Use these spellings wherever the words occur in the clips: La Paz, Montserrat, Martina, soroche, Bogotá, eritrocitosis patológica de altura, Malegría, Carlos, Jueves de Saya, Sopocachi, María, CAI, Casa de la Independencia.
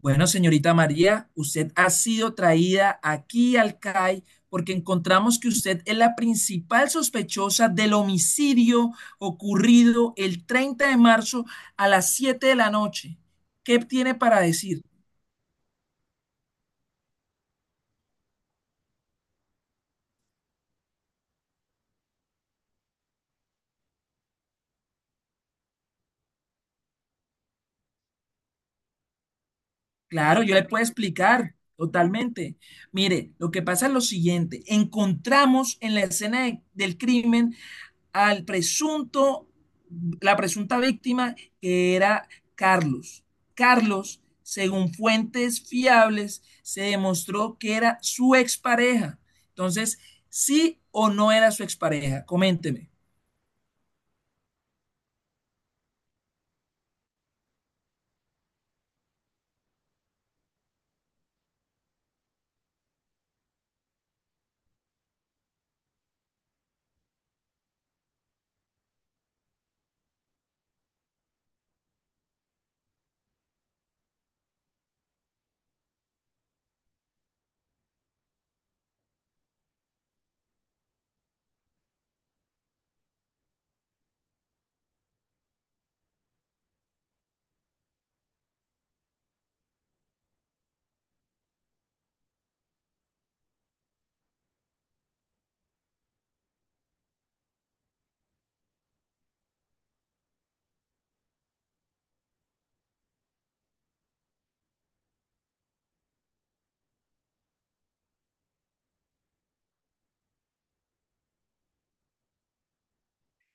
Bueno, señorita María, usted ha sido traída aquí al CAI porque encontramos que usted es la principal sospechosa del homicidio ocurrido el 30 de marzo a las 7 de la noche. ¿Qué tiene para decir? Claro, yo le puedo explicar totalmente. Mire, lo que pasa es lo siguiente. Encontramos en la escena del crimen al presunto, la presunta víctima que era Carlos. Carlos, según fuentes fiables, se demostró que era su expareja. Entonces, ¿sí o no era su expareja? Coménteme.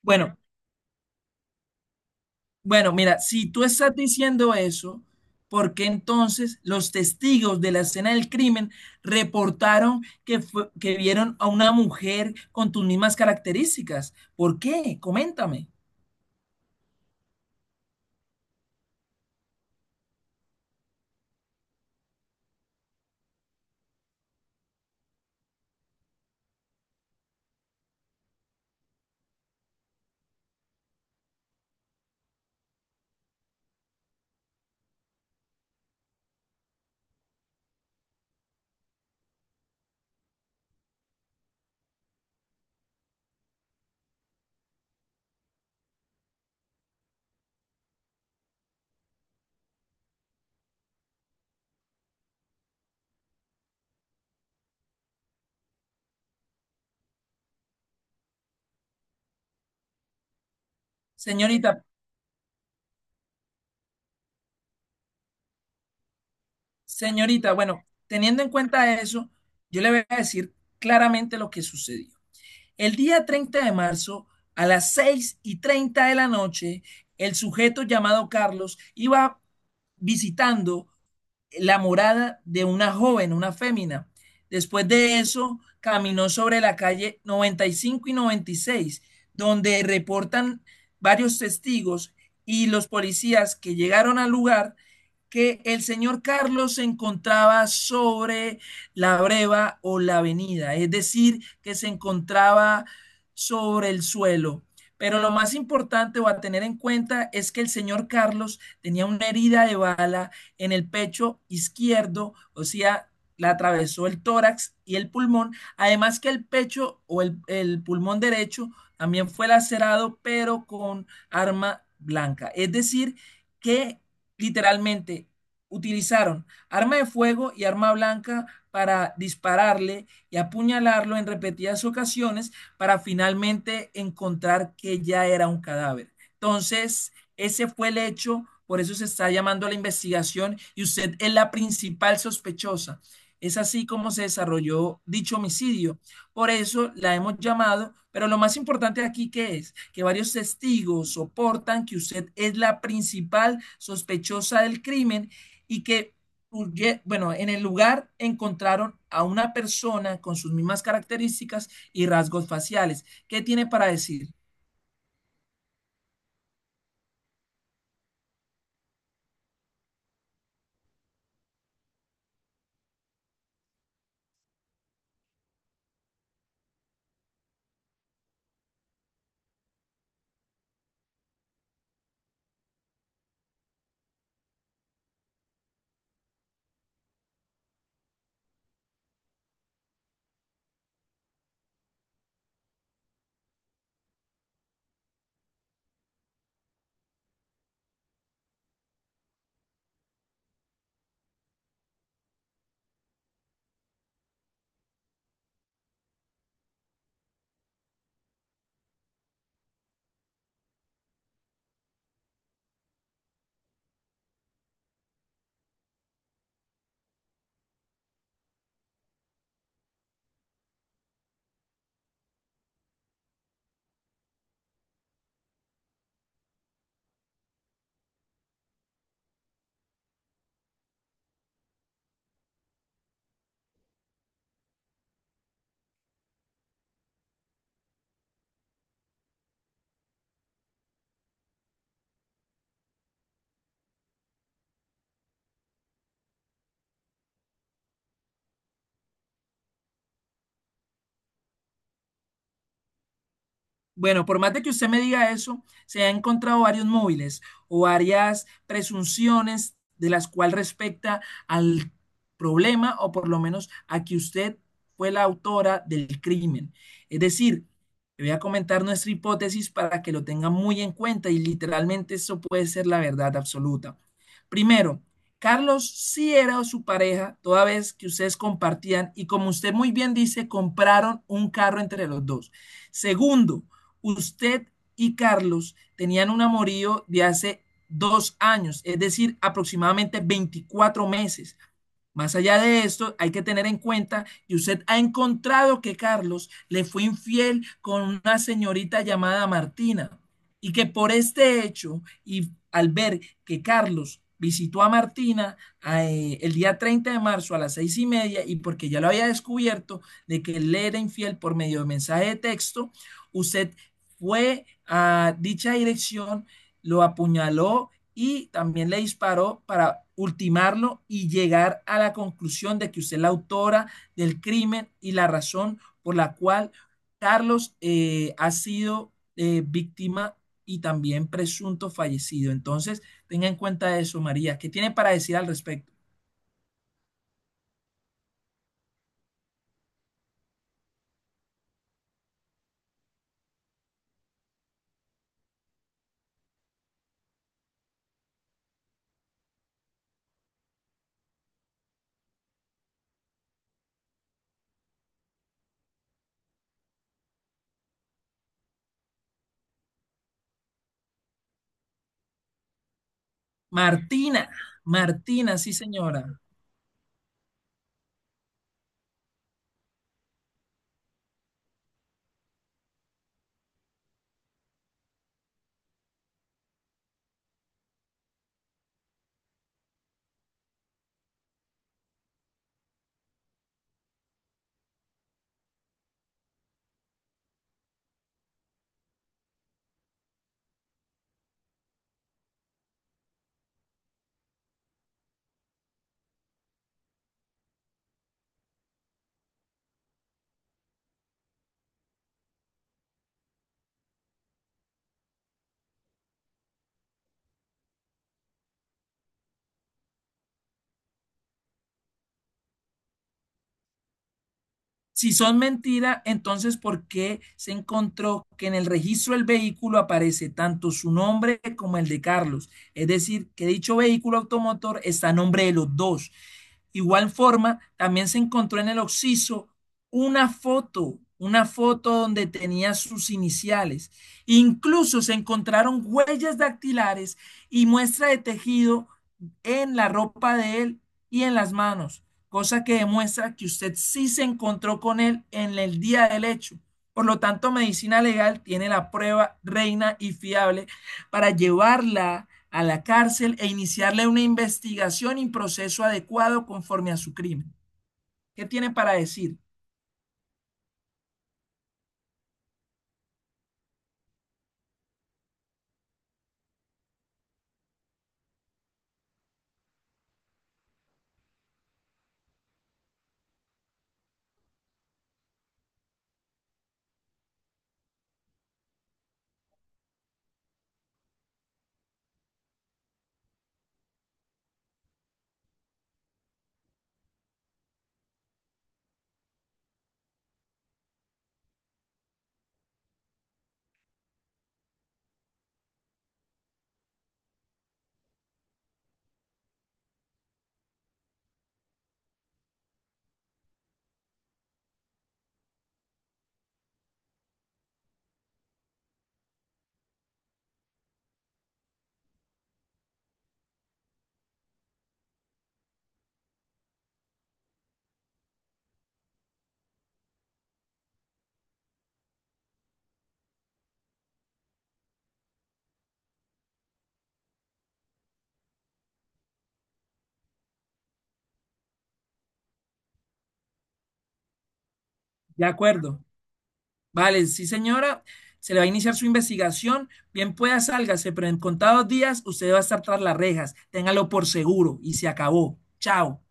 Bueno, bueno, mira, si tú estás diciendo eso, ¿por qué entonces los testigos de la escena del crimen reportaron que, que vieron a una mujer con tus mismas características? ¿Por qué? Coméntame. Señorita, Señorita, bueno, teniendo en cuenta eso, yo le voy a decir claramente lo que sucedió. El día 30 de marzo, a las 6:30 de la noche, el sujeto llamado Carlos iba visitando la morada de una joven, una fémina. Después de eso, caminó sobre la calle 95 y 96, donde reportan varios testigos y los policías que llegaron al lugar que el señor Carlos se encontraba sobre la breva o la avenida, es decir, que se encontraba sobre el suelo. Pero lo más importante o a tener en cuenta es que el señor Carlos tenía una herida de bala en el pecho izquierdo, o sea, la atravesó el tórax y el pulmón, además que el pecho o el pulmón derecho también fue lacerado, pero con arma blanca. Es decir, que literalmente utilizaron arma de fuego y arma blanca para dispararle y apuñalarlo en repetidas ocasiones para finalmente encontrar que ya era un cadáver. Entonces, ese fue el hecho, por eso se está llamando a la investigación y usted es la principal sospechosa. Es así como se desarrolló dicho homicidio. Por eso la hemos llamado, pero lo más importante aquí que es que varios testigos soportan que usted es la principal sospechosa del crimen y que, bueno, en el lugar encontraron a una persona con sus mismas características y rasgos faciales. ¿Qué tiene para decir? Bueno, por más de que usted me diga eso, se han encontrado varios móviles o varias presunciones de las cuales respecta al problema o por lo menos a que usted fue la autora del crimen. Es decir, le voy a comentar nuestra hipótesis para que lo tenga muy en cuenta y literalmente eso puede ser la verdad absoluta. Primero, Carlos sí era su pareja toda vez que ustedes compartían y como usted muy bien dice, compraron un carro entre los dos. Segundo, usted y Carlos tenían un amorío de hace 2 años, es decir, aproximadamente 24 meses. Más allá de esto, hay que tener en cuenta que usted ha encontrado que Carlos le fue infiel con una señorita llamada Martina y que por este hecho y al ver que Carlos visitó a Martina el día 30 de marzo a las 6:30 y porque ya lo había descubierto de que él le era infiel por medio de mensaje de texto, usted fue a dicha dirección, lo apuñaló y también le disparó para ultimarlo y llegar a la conclusión de que usted es la autora del crimen y la razón por la cual Carlos ha sido víctima y también presunto fallecido. Entonces, tenga en cuenta eso, María. ¿Qué tiene para decir al respecto? Martina, Martina, sí, señora. Si son mentira, entonces ¿por qué se encontró que en el registro del vehículo aparece tanto su nombre como el de Carlos? Es decir, que dicho vehículo automotor está a nombre de los dos. Igual forma, también se encontró en el occiso una foto donde tenía sus iniciales. Incluso se encontraron huellas dactilares y muestra de tejido en la ropa de él y en las manos cosa que demuestra que usted sí se encontró con él en el día del hecho. Por lo tanto, medicina legal tiene la prueba reina y fiable para llevarla a la cárcel e iniciarle una investigación y proceso adecuado conforme a su crimen. ¿Qué tiene para decir? De acuerdo. Vale, sí señora, se le va a iniciar su investigación, bien pueda sálgase, pero en contados días usted va a estar tras las rejas, téngalo por seguro y se acabó. Chao.